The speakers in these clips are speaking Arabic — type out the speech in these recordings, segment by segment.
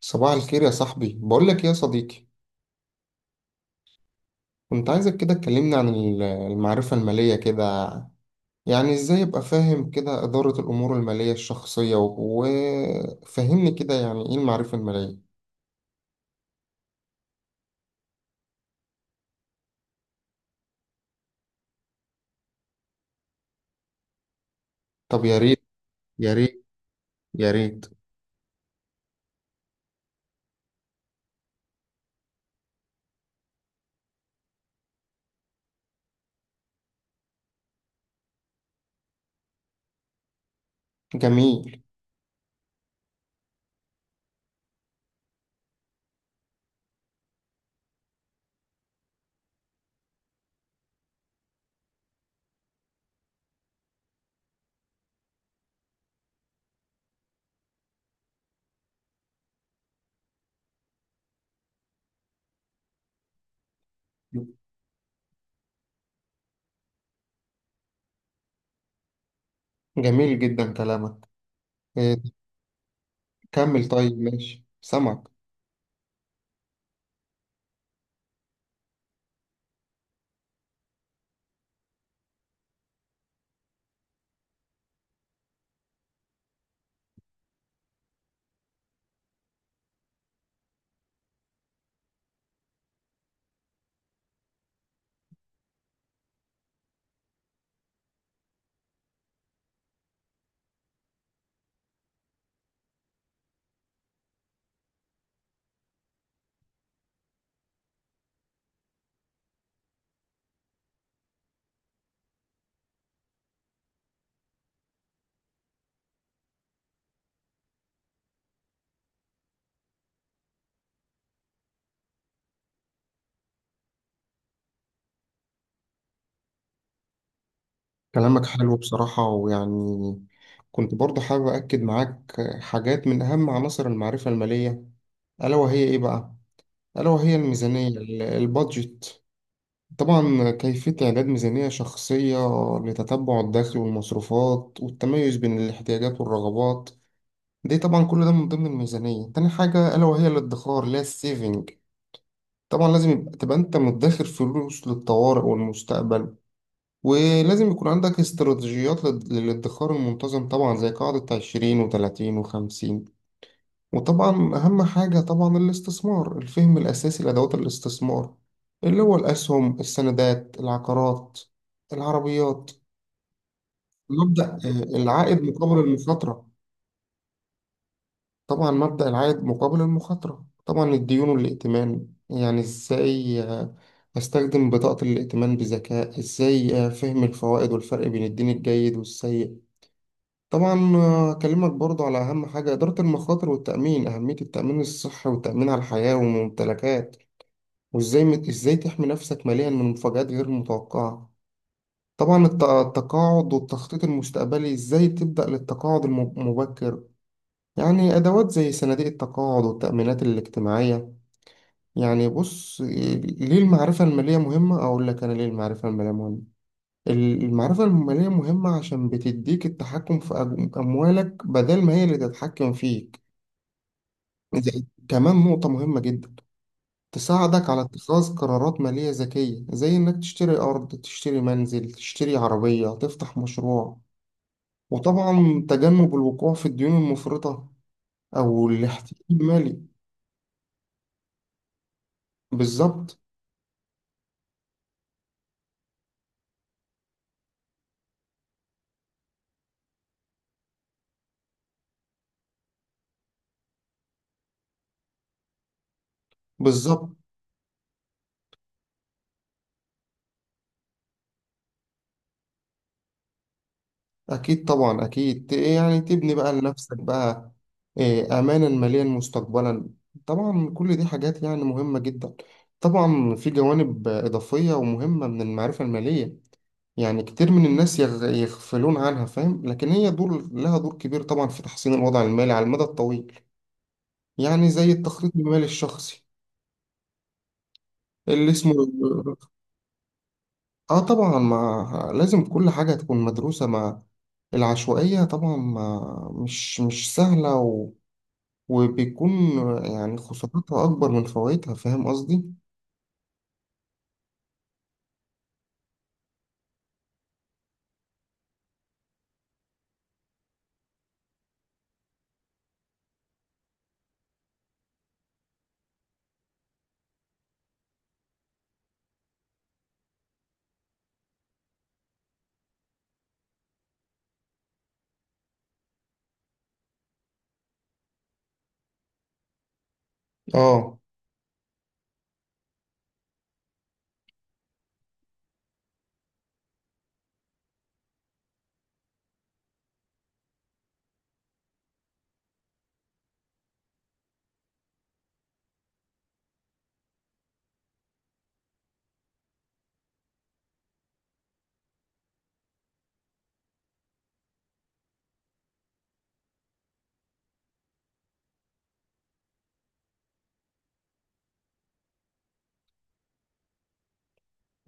صباح الخير يا صاحبي، بقول لك إيه يا صديقي. كنت عايزك كده تكلمني عن المعرفة المالية كده. يعني ازاي ابقى فاهم كده إدارة الأمور المالية الشخصية وفهمني كده، يعني ايه المعرفة المالية؟ طب يا ريت، يا ريت، يا ريت. جميل. جميل جدا كلامك. إيه، كمل، طيب ماشي سمعك. كلامك حلو بصراحة، ويعني كنت برضه حابب أكد معاك حاجات من أهم عناصر المعرفة المالية. ألا وهي إيه بقى؟ ألا وهي الميزانية، البادجت. طبعا كيفية إعداد ميزانية شخصية لتتبع الدخل والمصروفات، والتميز بين الاحتياجات والرغبات. دي طبعا كل ده من ضمن الميزانية. تاني حاجة ألا وهي الادخار، اللي هي السيفنج. طبعا لازم يبقى تبقى أنت مدخر فلوس للطوارئ والمستقبل. ولازم يكون عندك استراتيجيات للادخار المنتظم، طبعا زي قاعدة 20 وتلاتين وخمسين. وطبعا أهم حاجة طبعا الاستثمار، الفهم الأساسي لأدوات الاستثمار اللي هو الأسهم، السندات، العقارات، العربيات. مبدأ العائد مقابل المخاطرة. طبعا مبدأ العائد مقابل المخاطرة. طبعا الديون والائتمان، يعني إزاي أستخدم بطاقة الائتمان بذكاء، إزاي فهم الفوائد والفرق بين الدين الجيد والسيء. طبعا أكلمك برضو على أهم حاجة، إدارة المخاطر والتأمين، أهمية التأمين الصحي والتأمين على الحياة والممتلكات. وازاي ازاي تحمي نفسك ماليا من مفاجآت غير متوقعة. طبعا التقاعد والتخطيط المستقبلي، ازاي تبدأ للتقاعد المبكر. يعني ادوات زي صناديق التقاعد والتأمينات الاجتماعية. يعني بص ليه المعرفة المالية مهمة؟ اقول لك انا ليه المعرفة المالية مهمة. المعرفة المالية مهمة عشان بتديك التحكم في اموالك، بدل ما هي اللي تتحكم فيك. كمان نقطة مهمة جدا، تساعدك على اتخاذ قرارات مالية ذكية، زي إنك تشتري أرض، تشتري منزل، تشتري عربية، تفتح مشروع. وطبعا تجنب الوقوع في الديون المفرطة أو الاحتيال المالي. بالظبط. بالظبط. أكيد طبعا، أكيد يعني تبني بقى لنفسك بقى أمانا ماليا مستقبلا. طبعا كل دي حاجات يعني مهمة جدا. طبعا في جوانب إضافية ومهمة من المعرفة المالية، يعني كتير من الناس يغفلون عنها، فاهم، لكن هي دور لها دور كبير طبعا في تحسين الوضع المالي على المدى الطويل. يعني زي التخطيط المالي الشخصي اللي اسمه. اه، طبعا ما لازم كل حاجة تكون مدروسة، مع العشوائية طبعا ما مش سهلة وبيكون يعني خسارتها أكبر من فوائدها، فاهم قصدي؟ اه،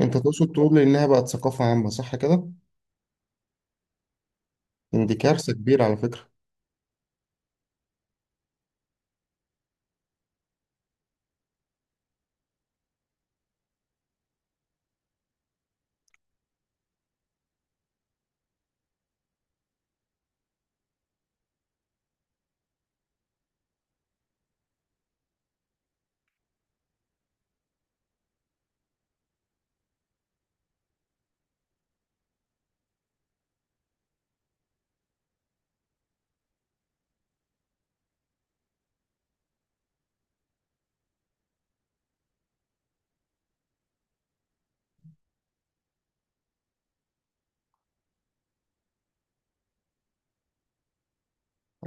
انت تقصد تقول انها بقت ثقافة عامة، صح كده؟ إن دي كارثة كبيرة على فكرة.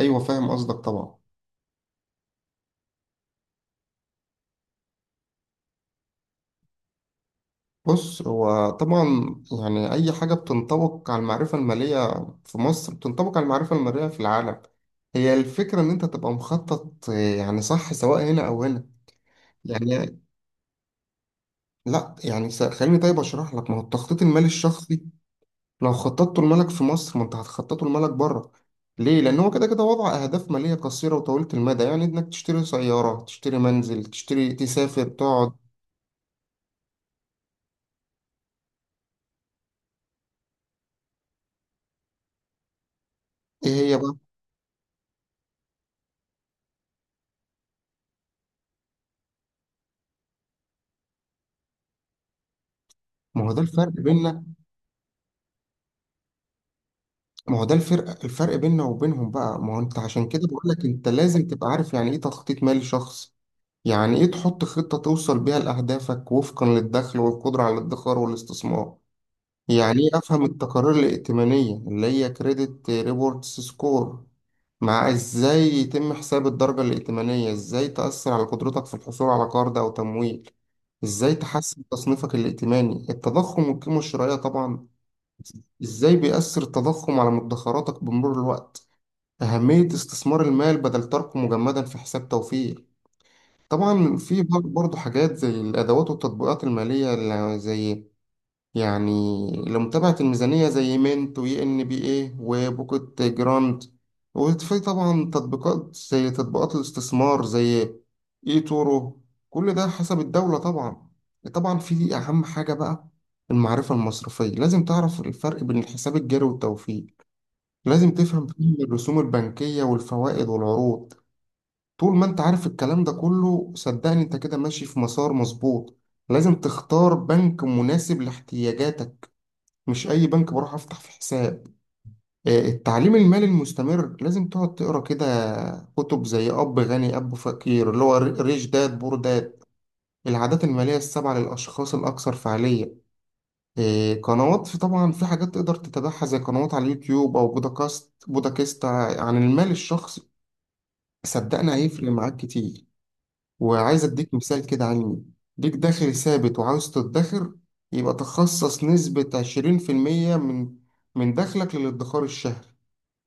ايوه، فاهم قصدك طبعا. بص، هو طبعا يعني أي حاجة بتنطبق على المعرفة المالية في مصر بتنطبق على المعرفة المالية في العالم. هي الفكرة إن أنت تبقى مخطط، يعني صح سواء هنا أو هنا، يعني لا، يعني خليني طيب أشرح لك ما هو التخطيط المالي الشخصي. لو خططته لمالك في مصر، ما أنت هتخططه لمالك بره. ليه؟ لأن هو كده كده وضع أهداف مالية قصيرة وطويلة المدى، يعني إنك تشتري سيارة، تشتري منزل، تشتري، تسافر، تقعد. إيه هي بقى؟ ما هو ده الفرق بيننا. ما هو ده الفرق بيننا وبينهم بقى، ما هو انت عشان كده بقول لك انت لازم تبقى عارف يعني ايه تخطيط مالي شخص. يعني ايه تحط خطة توصل بيها لأهدافك، وفقا للدخل والقدرة على الادخار والاستثمار. يعني ايه افهم التقارير الائتمانية اللي هي كريدت ريبورتس سكور، مع ازاي يتم حساب الدرجة الائتمانية، ازاي تأثر على قدرتك في الحصول على قرض او تمويل، ازاي تحسن تصنيفك الائتماني. التضخم والقيمة الشرائية، طبعا ازاي بيأثر التضخم على مدخراتك بمرور الوقت. أهمية استثمار المال بدل تركه مجمدا في حساب توفير. طبعا في برضه حاجات زي الأدوات والتطبيقات المالية اللي زي يعني لمتابعة الميزانية زي مينت، وي إن بي إيه، وبوكت جراند. وفي طبعا تطبيقات زي تطبيقات الاستثمار زي إي تورو. كل ده حسب الدولة طبعا. طبعا في أهم حاجة بقى المعرفة المصرفية. لازم تعرف الفرق بين الحساب الجاري والتوفير. لازم تفهم قيمة الرسوم البنكية والفوائد والعروض. طول ما انت عارف الكلام ده كله صدقني انت كده ماشي في مسار مظبوط. لازم تختار بنك مناسب لاحتياجاتك، مش اي بنك بروح افتح في حساب. التعليم المالي المستمر، لازم تقعد تقرا كده كتب زي اب غني اب فقير، اللي هو ريش داد بور داد، العادات المالية السبعة للاشخاص الاكثر فعالية. قنوات، في طبعا في حاجات تقدر تتابعها زي قنوات على اليوتيوب او بودكاست عن المال الشخصي. صدقني هيفرق معاك كتير. وعايز اديك مثال كده علمي. ليك دخل ثابت وعاوز تدخر، يبقى تخصص نسبة 20% من دخلك للادخار الشهري.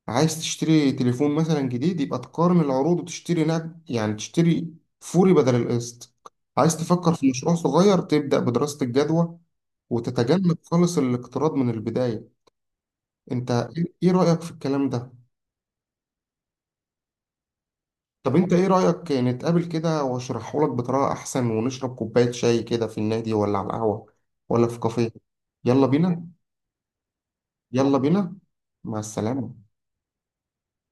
عايز تشتري تليفون مثلا جديد، يبقى تقارن العروض وتشتري نقد، يعني تشتري فوري بدل القسط. عايز تفكر في مشروع صغير، تبدأ بدراسة الجدوى وتتجنب خالص الاقتراض من البداية. انت ايه إيه رأيك في الكلام ده؟ طب انت ايه رأيك نتقابل كده واشرحه لك بطريقة احسن، ونشرب كوباية شاي كده في النادي، ولا على القهوة، ولا في كافيه؟ يلا بينا، يلا بينا. مع السلامة.